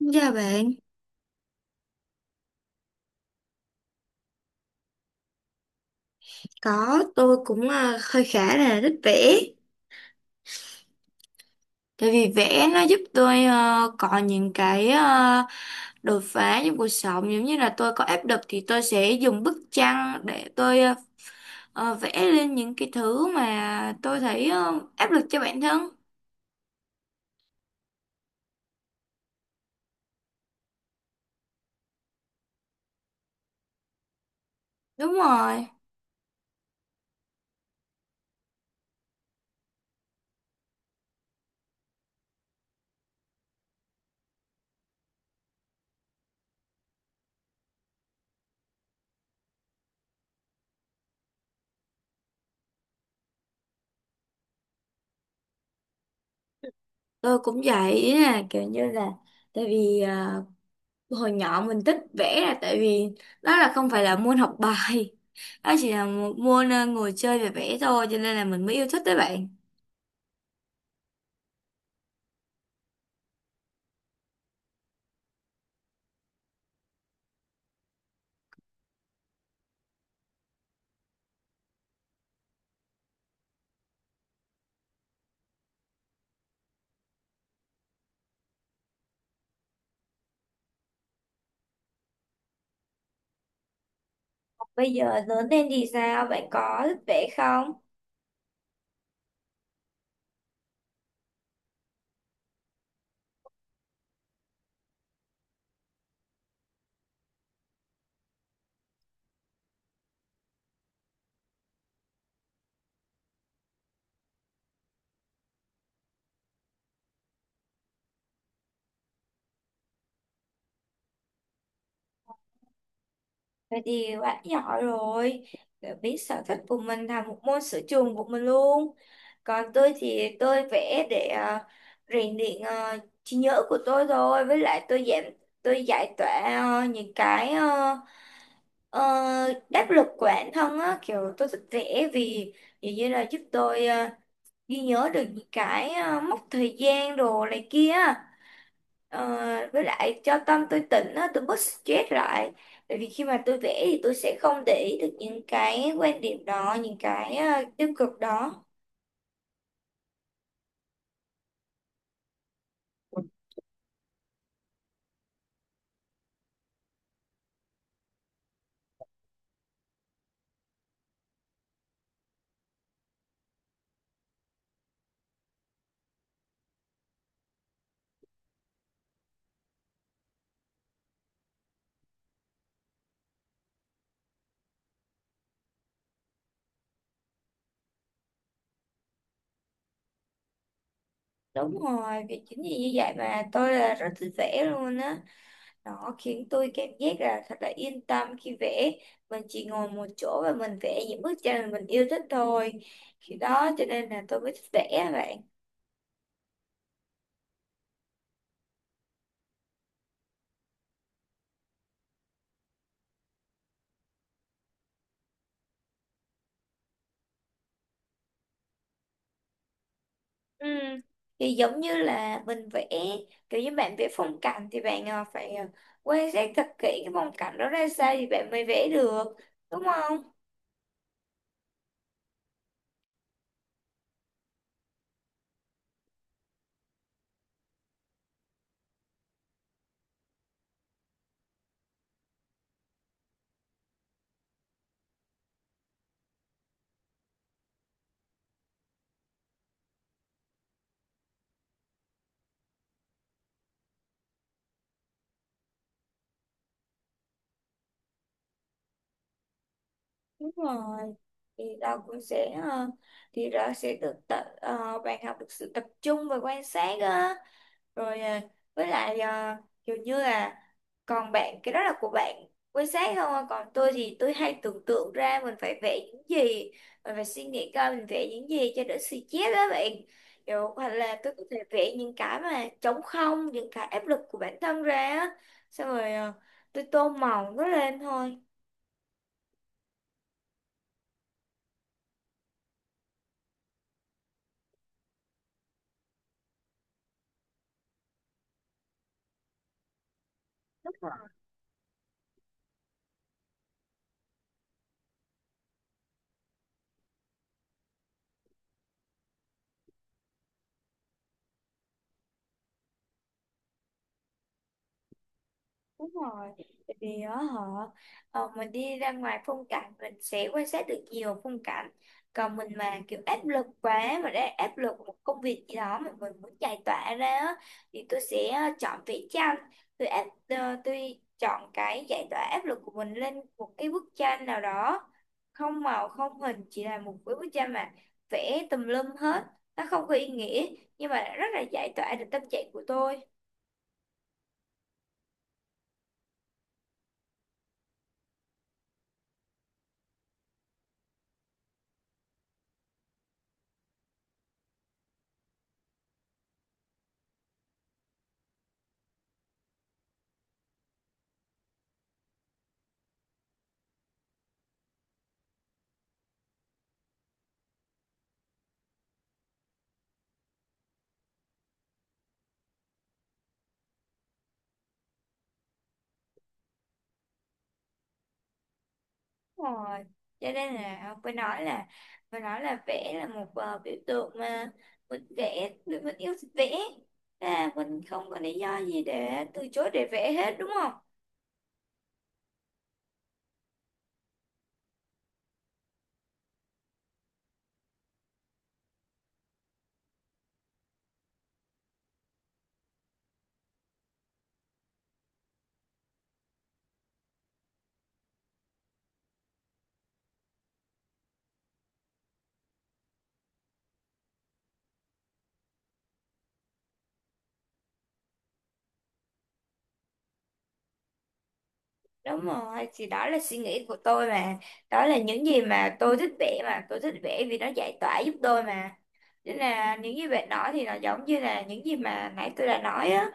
Dạ bạn, có tôi cũng hơi khá là thích vẽ. Tại vì vẽ nó giúp tôi có những cái đột phá trong cuộc sống. Giống như là tôi có áp lực thì tôi sẽ dùng bức tranh để tôi vẽ lên những cái thứ mà tôi thấy áp lực cho bản thân. Đúng rồi, tôi cũng vậy, ý là kiểu như là, tại vì hồi nhỏ mình thích vẽ là tại vì đó là không phải là môn học bài, đó chỉ là một môn ngồi chơi và vẽ thôi, cho nên là mình mới yêu thích đấy bạn. Bây giờ lớn lên thì sao? Bạn có thích vẽ không? Vậy thì bạn nhỏ rồi, để biết sở thích của mình là một môn sở trường của mình luôn. Còn tôi thì tôi vẽ để rèn luyện trí nhớ của tôi thôi. Với lại tôi tôi giải tỏa ờ, những cái ờ, Ờ, đáp lực của bản thân á, kiểu tôi thích vẽ vì vì như là giúp tôi ghi nhớ được những cái mốc thời gian đồ này kia á. Ờ, với lại cho tâm tôi tỉnh á, tôi bớt stress lại, bởi vì khi mà tôi vẽ thì tôi sẽ không để ý được những cái quan điểm đó, những cái tiêu cực đó. Đúng rồi, vì chính vì như vậy mà tôi là rất thích vẽ luôn á. Nó khiến tôi cảm giác là thật là yên tâm khi vẽ. Mình chỉ ngồi một chỗ và mình vẽ những bức tranh mà mình yêu thích thôi. Khi đó cho nên là tôi mới thích vẽ á bạn. Ừ. Thì giống như là mình vẽ, kiểu như bạn vẽ phong cảnh thì bạn phải quan sát thật kỹ cái phong cảnh đó ra sao thì bạn mới vẽ được. Đúng không? Đúng rồi, thì đó cũng sẽ thì đó sẽ được tập, bạn học được sự tập trung và quan sát á, rồi với lại ờ, kiểu như là, còn bạn cái đó là của bạn quan sát không à? Còn tôi thì tôi hay tưởng tượng ra mình phải vẽ những gì, mình phải suy nghĩ coi mình vẽ những gì cho đỡ suy chết á bạn, kiểu hoặc là tôi có thể vẽ những cái mà trống không, những cái áp lực của bản thân ra á, xong rồi tôi tô màu nó lên thôi. Đúng rồi, tại vì á họ mình đi ra ngoài phong cảnh mình sẽ quan sát được nhiều phong cảnh. Còn mình mà kiểu áp lực quá, mà đã áp lực một công việc gì đó mà mình muốn giải tỏa ra á, thì tôi sẽ chọn vẽ tranh. Tôi chọn cái giải tỏa áp lực của mình lên một cái bức tranh nào đó, không màu không hình, chỉ là một cái bức tranh mà vẽ tùm lum hết, nó không có ý nghĩa nhưng mà rất là giải tỏa được tâm trạng của tôi. Đúng rồi, cho nên là phải nói là vẽ là một biểu tượng mà mình yêu thích vẽ, à, mình không có lý do gì để từ chối để vẽ hết, đúng không? Đúng rồi, thì đó là suy nghĩ của tôi mà, đó là những gì mà tôi thích vẽ, mà tôi thích vẽ vì nó giải tỏa giúp tôi mà, nên là những gì bạn nói thì nó giống như là những gì mà nãy tôi đã nói á.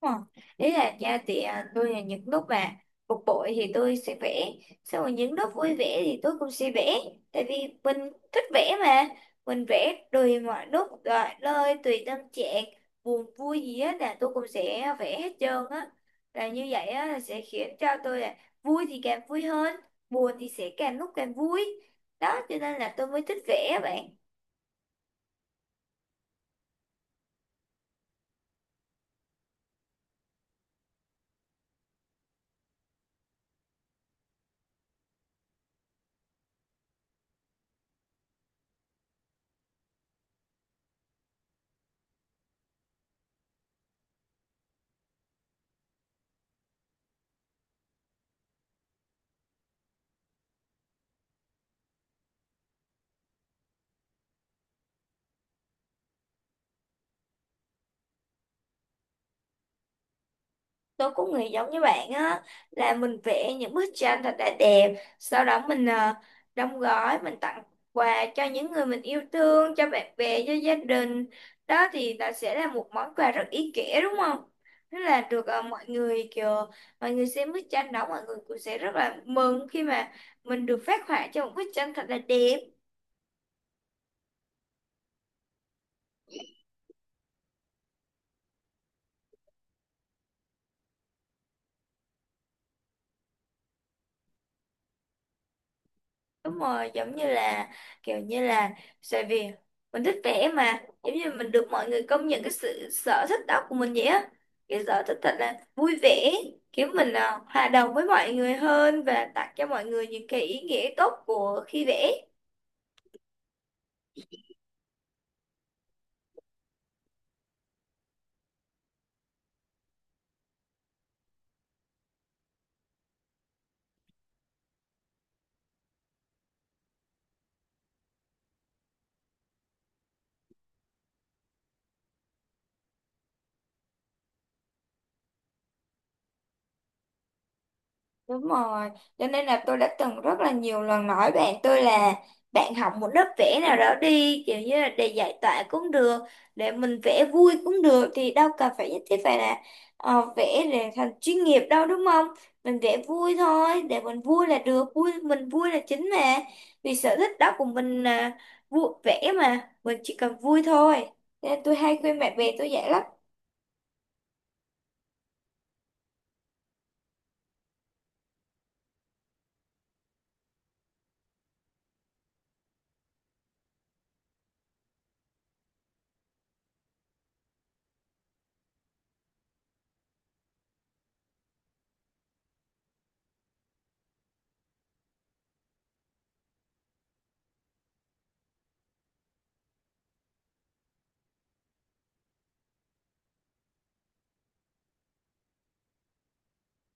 Ờ, Ý là nha, thì tôi là những lúc mà bực bội thì tôi sẽ vẽ. Xong rồi những lúc vui vẻ thì tôi cũng sẽ vẽ. Tại vì mình thích vẽ mà. Mình vẽ tùy mọi lúc, rồi nơi tùy tâm trạng. Buồn vui gì á là tôi cũng sẽ vẽ hết trơn á. Là như vậy á là sẽ khiến cho tôi là vui thì càng vui hơn, buồn thì sẽ càng lúc càng vui. Đó cho nên là tôi mới thích vẽ bạn. Tôi cũng nghĩ giống như bạn á, là mình vẽ những bức tranh thật là đẹp, sau đó mình đóng gói mình tặng quà cho những người mình yêu thương, cho bạn bè, cho gia đình, đó thì nó sẽ là một món quà rất ý nghĩa, đúng không? Thế là được mọi người kiểu, mọi người xem bức tranh đó mọi người cũng sẽ rất là mừng khi mà mình được phác họa cho một bức tranh thật là đẹp. Đúng rồi, giống như là, kiểu như là, tại vì mình thích vẽ mà, giống như mình được mọi người công nhận cái sự sở thích đó của mình vậy á, cái sở thích thật là vui vẻ, kiểu mình hòa đồng với mọi người hơn và tặng cho mọi người những cái ý nghĩa tốt của khi vẽ. Đúng rồi, cho nên là tôi đã từng rất là nhiều lần nói bạn tôi là bạn học một lớp vẽ nào đó đi, kiểu như là để giải tỏa cũng được, để mình vẽ vui cũng được, thì đâu cần phải nhất thiết phải là vẽ để thành chuyên nghiệp đâu, đúng không? Mình vẽ vui thôi, để mình vui là được, vui mình vui là chính mà. Vì sở thích đó của mình là vui vẽ mà, mình chỉ cần vui thôi. Cho nên tôi hay khuyên bạn bè tôi vậy lắm.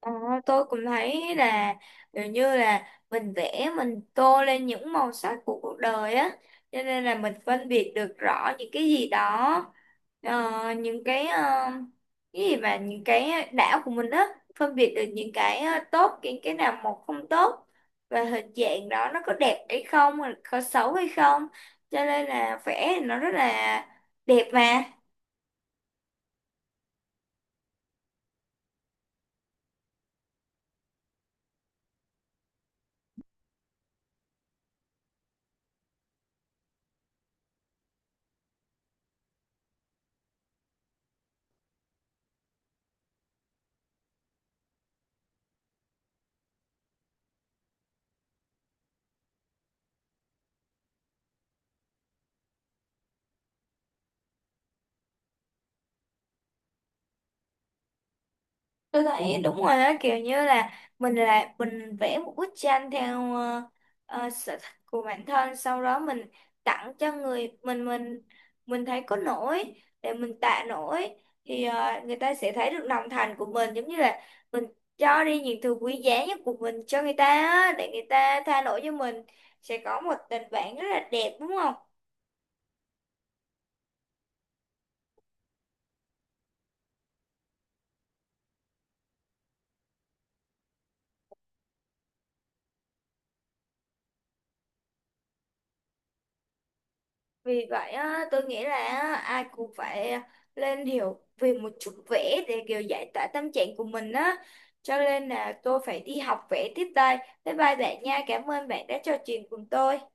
Ờ, tôi cũng thấy là kiểu như là mình vẽ mình tô lên những màu sắc của cuộc đời á, cho nên là mình phân biệt được rõ những cái gì đó, ờ, những cái ờ, cái gì mà những cái đạo của mình á, phân biệt được những cái tốt, những cái nào một không tốt, và hình dạng đó nó có đẹp hay không, rồi có xấu hay không, cho nên là vẽ thì nó rất là đẹp mà. Tôi thấy đúng rồi á, kiểu như là mình vẽ một bức tranh theo sở thích của bản thân, sau đó mình tặng cho người mình thấy có nổi để mình tạ nổi, thì người ta sẽ thấy được lòng thành của mình, giống như là mình cho đi những thứ quý giá nhất của mình cho người ta á, để người ta tha lỗi cho mình, sẽ có một tình bạn rất là đẹp, đúng không? Vì vậy á, tôi nghĩ là á, ai cũng phải lên hiểu về một chút vẽ để kiểu giải tỏa tâm trạng của mình á. Cho nên là tôi phải đi học vẽ tiếp đây. Bye bye bạn nha. Cảm ơn bạn đã trò chuyện cùng tôi.